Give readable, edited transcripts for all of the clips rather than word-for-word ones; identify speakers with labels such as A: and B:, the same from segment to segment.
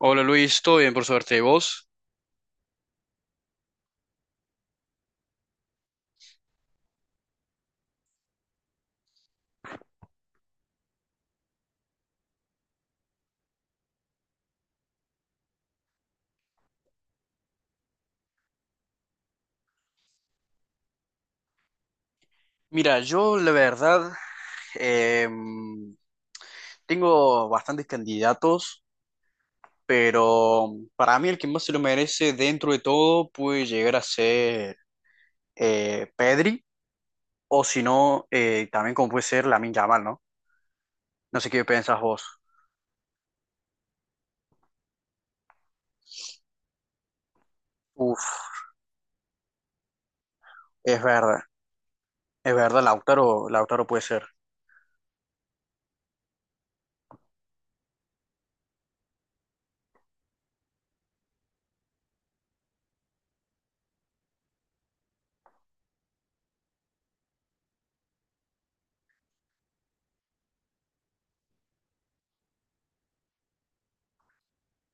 A: Hola Luis, todo bien por suerte. ¿Y vos? Mira, yo la verdad em, tengo bastantes candidatos, pero para mí el que más se lo merece dentro de todo puede llegar a ser Pedri, o si no, también como puede ser Lamine Yamal, ¿no? No sé qué pensás vos. Uf, es verdad, es verdad, Lautaro, Lautaro puede ser.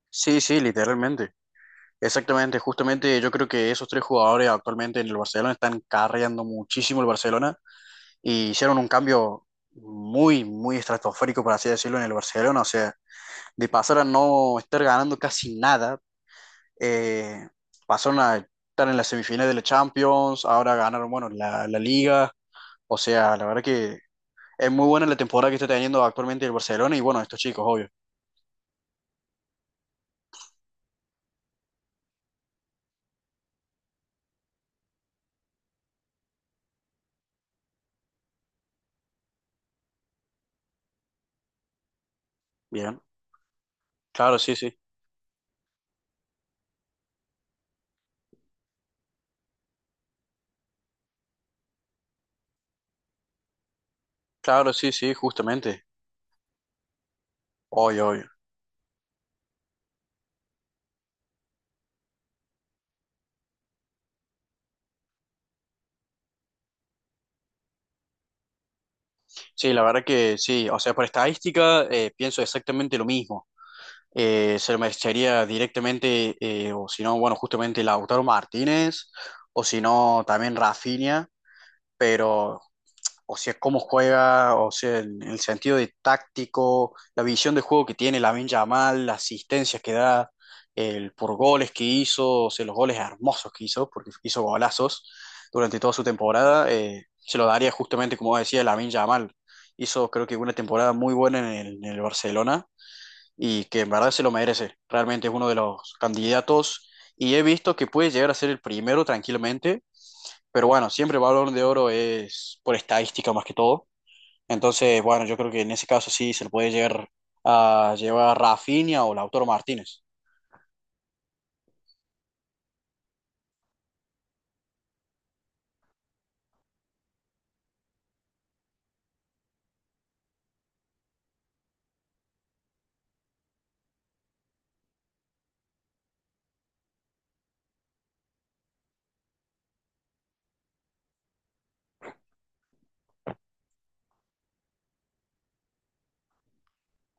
A: Sí, sí, literalmente. Exactamente, justamente yo creo que esos tres jugadores actualmente en el Barcelona están carreando muchísimo el Barcelona y hicieron un cambio muy, muy estratosférico, por así decirlo, en el Barcelona. O sea, de pasar a no estar ganando casi nada, eh, pasaron a estar en la semifinal de la Champions, ahora ganaron, bueno, la Liga. O sea, la verdad que es muy buena la temporada que está teniendo actualmente el Barcelona y bueno, estos chicos, obvio. Bien. Claro, sí, sí. Claro, sí, sí, justamente. Obvio, obvio. Sí, la verdad que sí. O sea, por estadística pienso exactamente lo mismo. Se lo merecería directamente, o si no, bueno, justamente Lautaro Martínez, o si no, también Rafinha, pero, o sea, cómo juega, o sea, en el sentido de táctico, la visión de juego que tiene Lamine Yamal, las asistencias que da, el por goles que hizo, o sea, los goles hermosos que hizo, porque hizo golazos durante toda su temporada, se lo daría justamente, como decía, Lamine Yamal. Hizo, creo que, una temporada muy buena en el Barcelona y que en verdad se lo merece. Realmente es uno de los candidatos y he visto que puede llegar a ser el primero tranquilamente, pero bueno, siempre el Balón de Oro es por estadística más que todo. Entonces, bueno, yo creo que en ese caso sí se lo puede llegar a llevar Rafinha o Lautaro Martínez.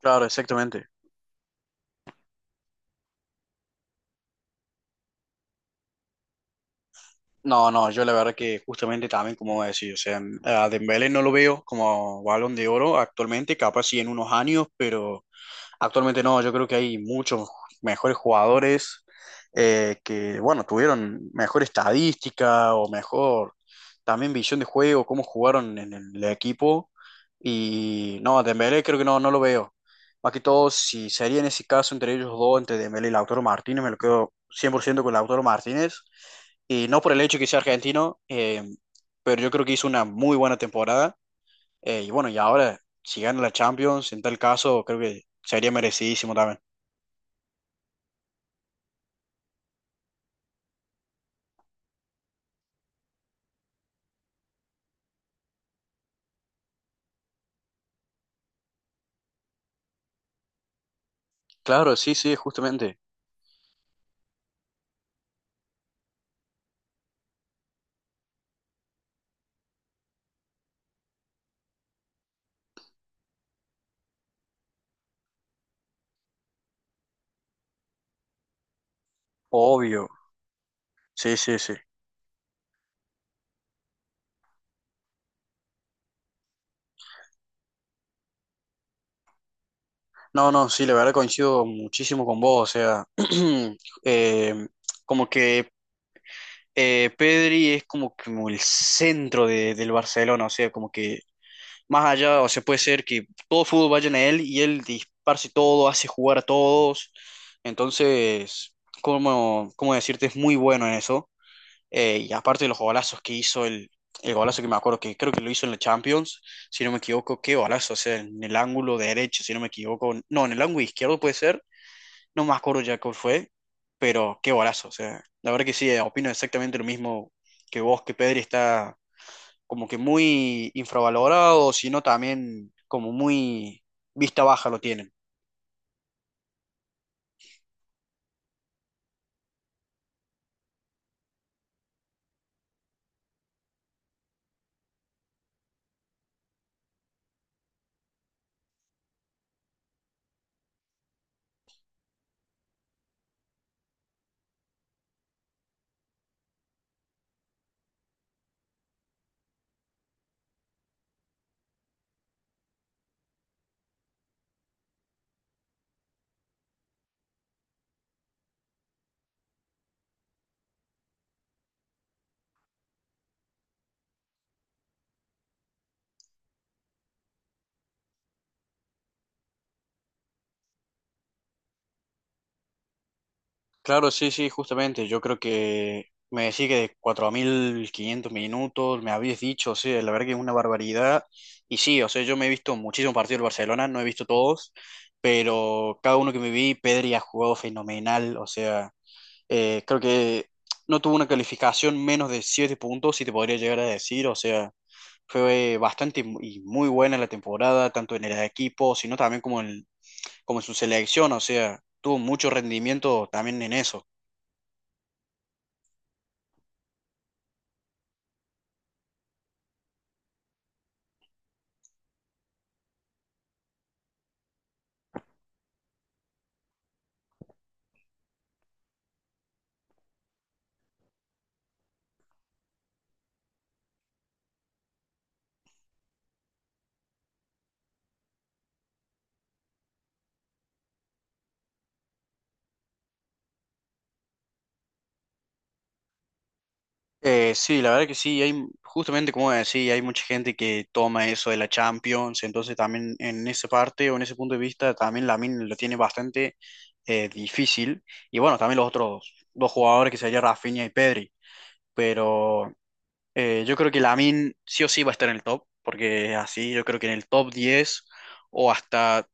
A: Claro, exactamente. No, no, yo la verdad que justamente también, como decía, o sea, a Dembélé no lo veo como Balón de Oro actualmente, capaz sí en unos años, pero actualmente no, yo creo que hay muchos mejores jugadores que, bueno, tuvieron mejor estadística o mejor también visión de juego, cómo jugaron en el equipo. Y no, a Dembélé creo que no, no lo veo. Más que todo, si sería en ese caso entre ellos dos, entre Dembélé y Lautaro Martínez, me lo quedo 100% con Lautaro Martínez. Y no por el hecho de que sea argentino, pero yo creo que hizo una muy buena temporada y bueno, y ahora, si gana la Champions, en tal caso, creo que sería merecidísimo también. Claro, sí, sí, justamente. Obvio. Sí, sí, sí. No, no, sí, la verdad coincido muchísimo con vos. O sea, eh, como que Pedri es como, que como el centro del Barcelona. O sea, como que más allá, o sea, puede ser que todo fútbol vaya en él y él disparce todo, hace jugar a todos. Entonces, ¿cómo decirte? Es muy bueno en eso. Y aparte de los golazos que hizo, el golazo que me acuerdo que creo que lo hizo en la Champions, si no me equivoco, qué golazo, o sea, en el ángulo derecho, si no me equivoco, no, en el ángulo izquierdo puede ser, no me acuerdo ya cuál fue, pero qué golazo, o sea, la verdad que sí, opino exactamente lo mismo que vos, que Pedri está como que muy infravalorado, sino también como muy vista baja lo tienen. Claro, sí, sí, justamente. Yo creo que me decís que de 4.500 minutos, me habías dicho, o sea, la verdad que es una barbaridad. Y sí, o sea, yo me he visto muchísimos partidos del Barcelona, no he visto todos, pero cada uno que me vi, Pedri ha jugado fenomenal. O sea, creo que no tuvo una calificación menos de 7 puntos, si te podría llegar a decir. O sea, fue bastante y muy buena la temporada, tanto en el equipo, sino también como como en su selección. O sea, tuvo mucho rendimiento también en eso. Sí, la verdad que sí, hay justamente como decía, hay mucha gente que toma eso de la Champions, entonces también en esa parte o en ese punto de vista también Lamine lo tiene bastante difícil y bueno, también los otros dos jugadores que serían Rafinha y Pedri, pero yo creo que Lamine sí o sí va a estar en el top, porque así yo creo que en el top 10 o hasta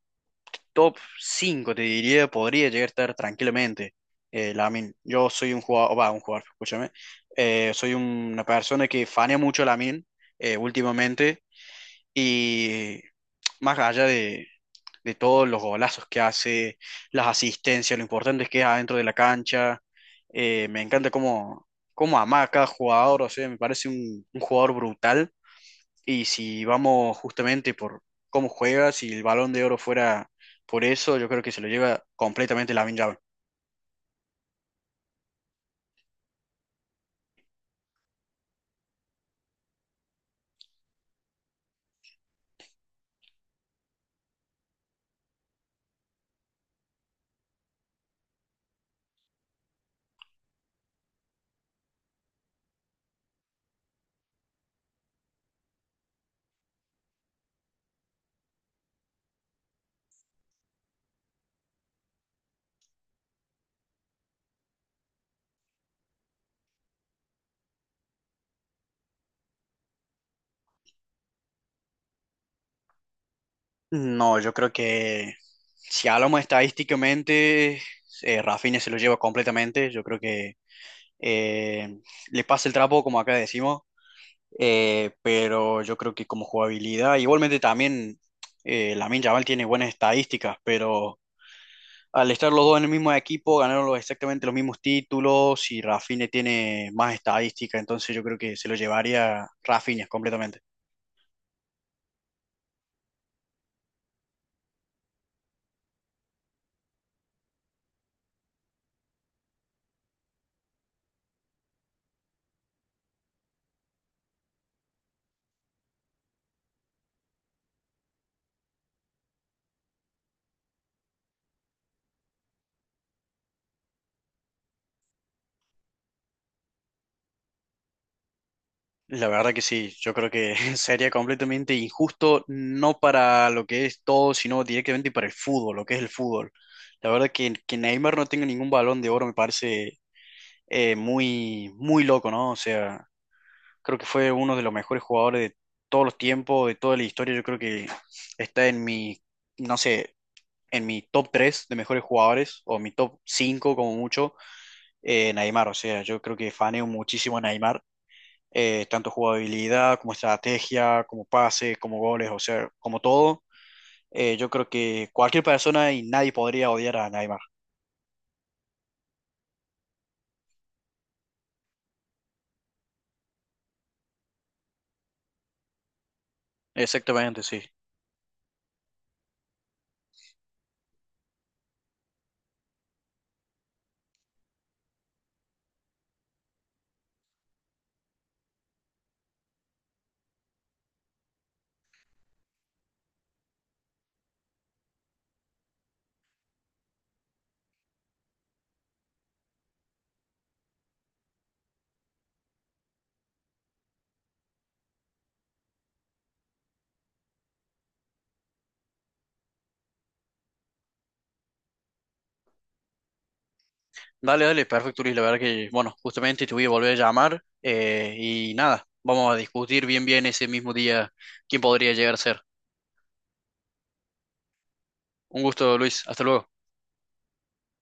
A: top 5 te diría, podría llegar a estar tranquilamente. Lamine, yo soy un jugador, va, un jugador, escúchame. Soy una persona que fanea mucho a Lamine últimamente y más allá de todos los golazos que hace, las asistencias, lo importante es que es adentro de la cancha. Me encanta cómo ama a cada jugador, o sea, me parece un jugador brutal. Y si vamos justamente por cómo juega, si el Balón de Oro fuera por eso, yo creo que se lo lleva completamente Lamine Yamal. No, yo creo que si hablamos estadísticamente, Rafinha se lo lleva completamente. Yo creo que eh, le pasa el trapo, como acá decimos, pero yo creo que como jugabilidad, igualmente también Lamine Yamal tiene buenas estadísticas, pero al estar los dos en el mismo equipo, ganaron exactamente los mismos títulos y Rafinha tiene más estadística, entonces yo creo que se lo llevaría Rafinha completamente. La verdad que sí, yo creo que sería completamente injusto, no para lo que es todo, sino directamente para el fútbol, lo que es el fútbol. La verdad que Neymar no tenga ningún balón de oro me parece muy, muy loco, ¿no? O sea, creo que fue uno de los mejores jugadores de todos los tiempos, de toda la historia. Yo creo que está en mi, no sé, en mi top 3 de mejores jugadores, o mi top 5 como mucho, Neymar. O sea, yo creo que faneo muchísimo a Neymar. Tanto jugabilidad como estrategia, como pase, como goles, o sea, como todo. Yo creo que cualquier persona y nadie podría odiar a Neymar. Exactamente, sí. Dale, dale, perfecto, Luis. La verdad que, bueno, justamente te voy a volver a llamar y nada, vamos a discutir bien, bien ese mismo día quién podría llegar a ser. Un gusto, Luis. Hasta luego.